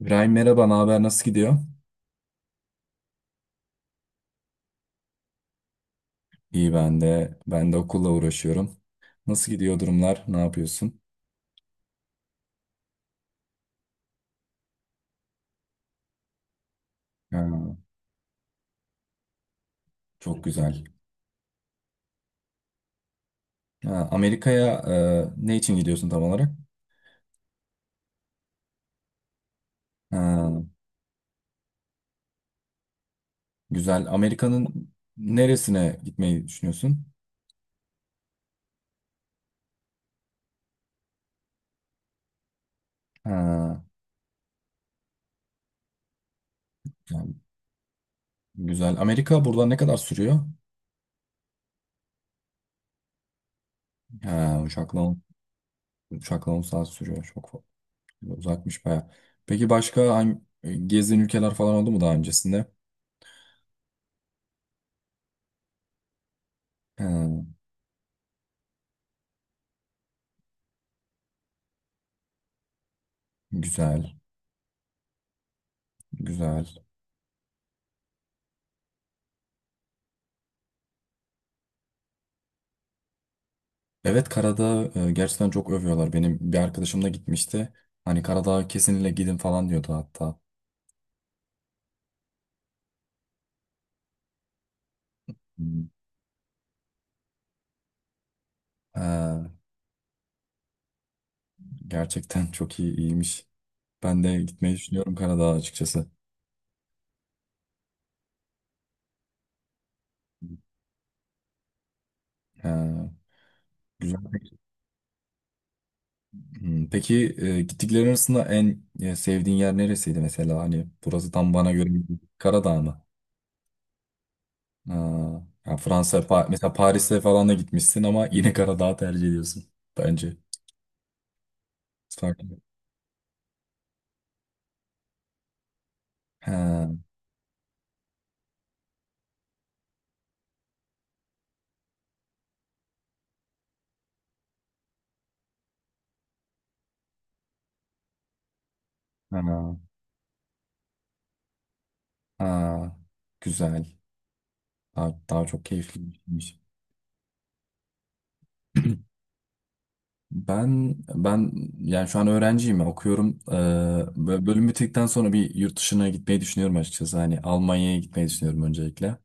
İbrahim merhaba, ne haber? Nasıl gidiyor? İyi ben de. Ben de okulla uğraşıyorum. Nasıl gidiyor durumlar? Ne yapıyorsun? Ha, çok güzel. Ha, Amerika'ya ne için gidiyorsun tam olarak? Ha, güzel. Amerika'nın neresine gitmeyi düşünüyorsun? Ha, güzel. Güzel. Amerika buradan ne kadar sürüyor? Ha, uçakla, uçakla 10 saat sürüyor. Uzakmış baya. Peki başka hangi gezdiğin ülkeler falan oldu mu daha öncesinde? Ha, güzel. Güzel. Evet Karadağ gerçekten çok övüyorlar. Benim bir arkadaşım da gitmişti. Hani Karadağ'a kesinlikle gidin falan diyordu hatta. Hmm. Ee, gerçekten çok iyi iyiymiş. Ben de gitmeyi düşünüyorum Karadağ'a açıkçası. Ee, güzel. Hmm, peki gittiklerin arasında en sevdiğin yer neresiydi mesela? Hani burası tam bana göre değil. Karadağ mı? Ee, yani Fransa, mesela Paris'e falan da gitmişsin ama yine Karadağ'ı tercih ediyorsun bence. Farklı. Ha, ha, ha. Güzel. Daha, daha çok keyifli bir şeymiş. Ben yani şu an öğrenciyim okuyorum. Bölüm bittikten sonra bir yurt dışına gitmeyi düşünüyorum açıkçası. Hani Almanya'ya gitmeyi düşünüyorum öncelikle.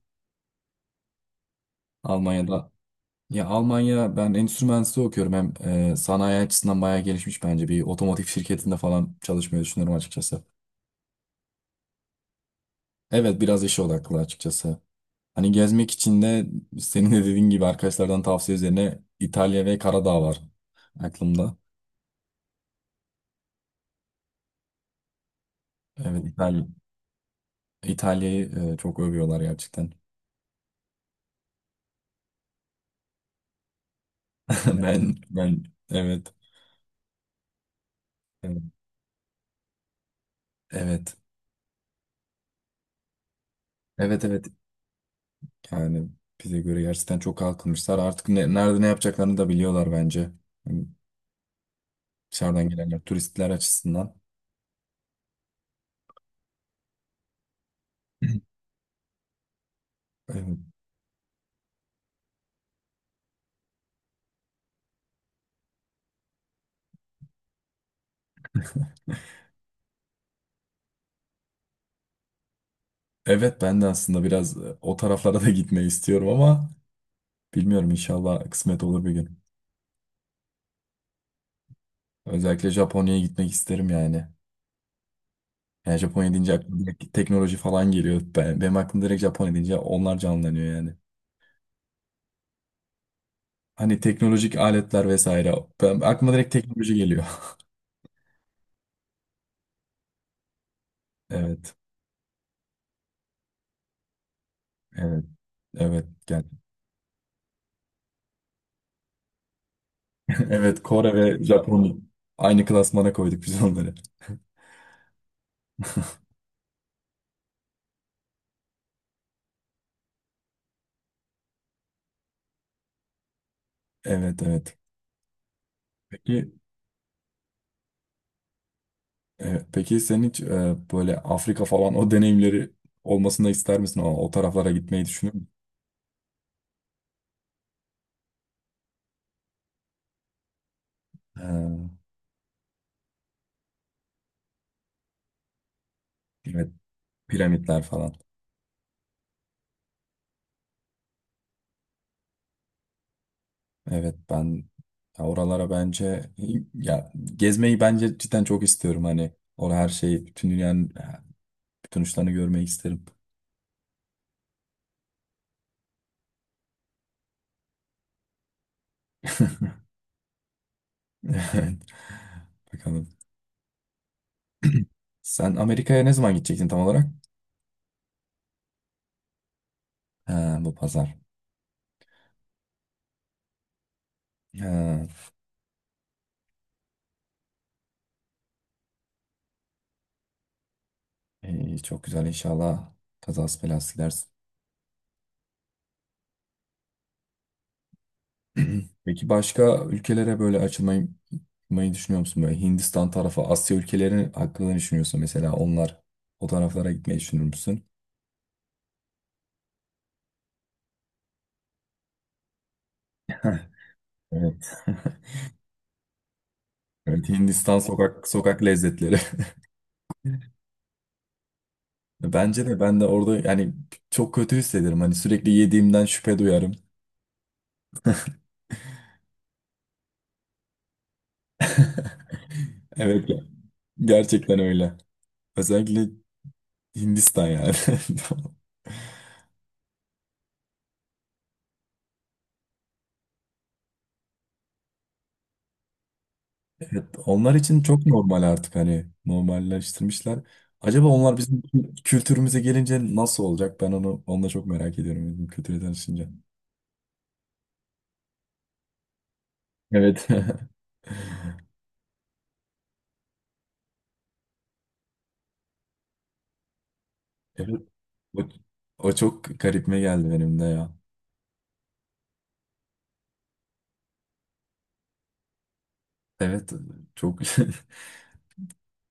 Almanya'da ya Almanya ben endüstri mühendisliği okuyorum. Hem sanayi açısından bayağı gelişmiş bence. Bir otomotiv şirketinde falan çalışmayı düşünüyorum açıkçası. Evet biraz işe odaklı açıkçası. Hani gezmek için de senin de dediğin gibi arkadaşlardan tavsiye üzerine İtalya ve Karadağ var aklımda. Evet İtalya. İtalya'yı çok övüyorlar gerçekten. Ben evet evet evet evet. yani bize göre gerçekten çok kalkınmışlar. Artık nerede ne yapacaklarını da biliyorlar bence. Yani dışarıdan gelenler turistler açısından. Evet. Evet, ben de aslında biraz o taraflara da gitmeyi istiyorum ama bilmiyorum inşallah kısmet olur bir gün. Özellikle Japonya'ya gitmek isterim yani. Yani Japonya deyince aklıma direkt teknoloji falan geliyor. Ben, benim aklım direkt Japonya deyince onlar canlanıyor yani. Hani teknolojik aletler vesaire. Ben, aklıma direkt teknoloji geliyor. Evet. Evet. Evet. Gel. Evet. Kore ve Japonya aynı klasmana koyduk biz onları. Evet. Evet. Peki peki sen hiç böyle Afrika falan o deneyimleri olmasını ister misin? O, o taraflara gitmeyi düşünür müsün? Ee, evet. Piramitler falan. Evet, ya oralara bence ya gezmeyi bence cidden çok istiyorum hani orada her şeyi bütün dünyanın bütün uçlarını görmeyi isterim. Evet. Bakalım. Sen Amerika'ya ne zaman gidecektin tam olarak? Ha, bu pazar. Ha, iyi, çok güzel inşallah. Kazası belası gidersin. Peki başka ülkelere böyle açılmayı düşünüyor musun? Böyle Hindistan tarafı, Asya ülkeleri hakkında ne düşünüyorsun mesela onlar o taraflara gitmeyi düşünür müsün? Evet. Evet, Hindistan sokak sokak lezzetleri. Bence de ben de orada yani çok kötü hissederim. Hani sürekli yediğimden şüphe duyarım. Evet ya. Gerçekten öyle. Özellikle Hindistan yani. Evet, onlar için çok normal artık hani normalleştirmişler. Acaba onlar bizim kültürümüze gelince nasıl olacak? Ben onu da çok merak ediyorum bizim kültüre tanışınca. Evet. Evet. O, o çok garipme geldi benim de ya. Evet. Çok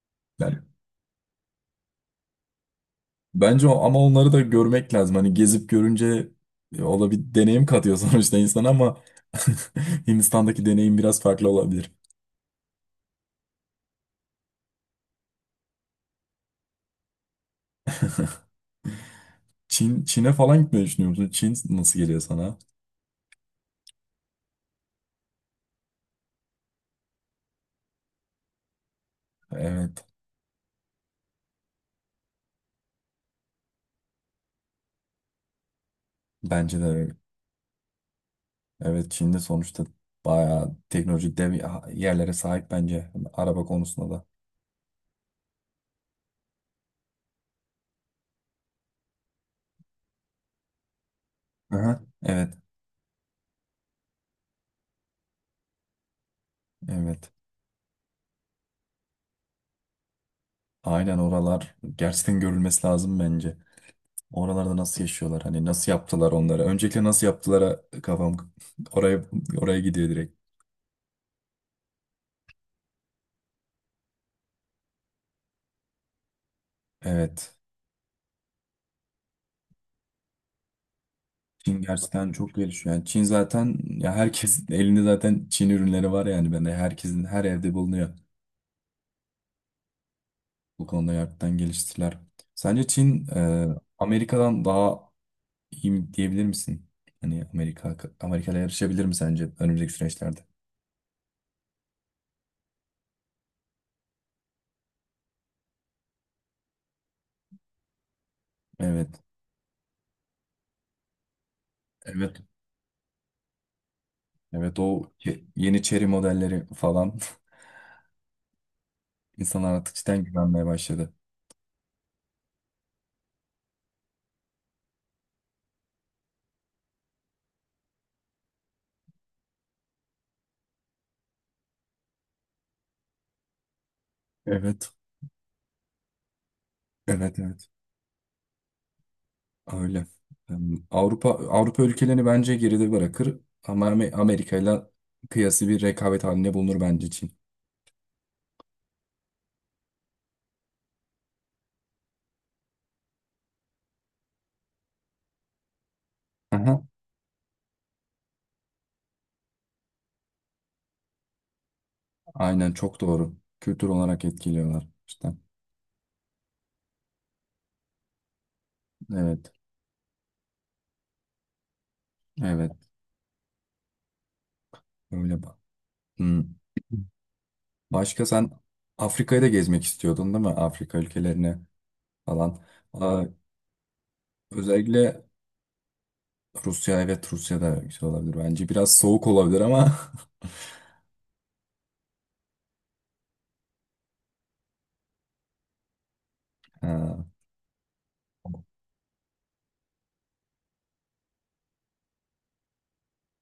yani bence o, ama onları da görmek lazım. Hani gezip görünce o da bir deneyim katıyor sonuçta insana ama Hindistan'daki deneyim biraz farklı olabilir. Çin'e falan gitmeyi düşünüyor musun? Çin nasıl geliyor sana? Evet, bence de öyle. Evet, Çin'de sonuçta bayağı teknoloji dev yerlere sahip bence araba konusunda da. Aha. Evet, evet. Aynen oralar gerçekten görülmesi lazım bence. Oralarda nasıl yaşıyorlar? Hani nasıl yaptılar onlara? Öncelikle nasıl yaptılara kafam oraya oraya gidiyor direkt. Evet. Çin gerçekten çok gelişiyor. Yani Çin zaten ya herkesin elinde zaten Çin ürünleri var yani ben de herkesin her evde bulunuyor. Bu konuda gerçekten geliştiler. Sence Çin Amerika'dan daha iyi mi diyebilir misin? Hani Amerika Amerika'yla yarışabilir mi sence önümüzdeki süreçlerde? Evet. Evet. Evet o yeni Chery modelleri falan insanlar artık cidden güvenmeye başladı. Evet, evet. Öyle. Avrupa Avrupa ülkelerini bence geride bırakır ama Amerika ile kıyası bir rekabet halinde bulunur bence Çin. Aha, aynen çok doğru. Kültür olarak etkiliyorlar işte. Evet, evet. Öyle bak. Hmm. Başka sen Afrika'yı da gezmek istiyordun değil mi? Afrika ülkelerine falan. Aa, özellikle Rusya evet Rusya da güzel olabilir bence. Biraz soğuk olabilir ama Ha,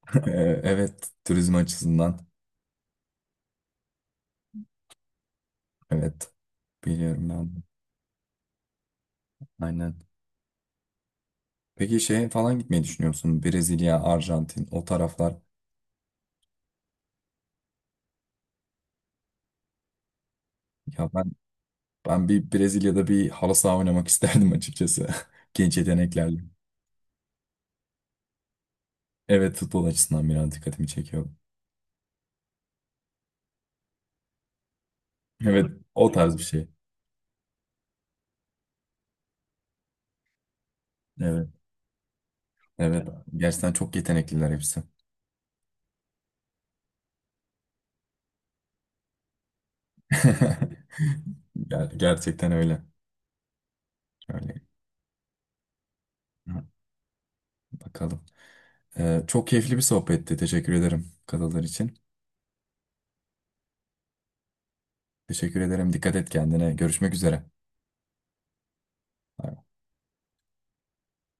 evet turizm açısından. Evet. Biliyorum ben. De. Aynen. Peki şeye falan gitmeyi düşünüyor musun? Brezilya, Arjantin, o taraflar. Ya ben ben bir Brezilya'da bir halı saha oynamak isterdim açıkçası. Genç yeteneklerle. Evet, futbol açısından biraz dikkatimi çekiyor. Evet, o tarz bir şey. Evet, evet. Gerçekten çok yetenekliler hepsi. Gerçekten öyle. Öyle. Ha, bakalım. Çok keyifli bir sohbetti. Teşekkür ederim katıldığın için. Teşekkür ederim. Dikkat et kendine. Görüşmek üzere.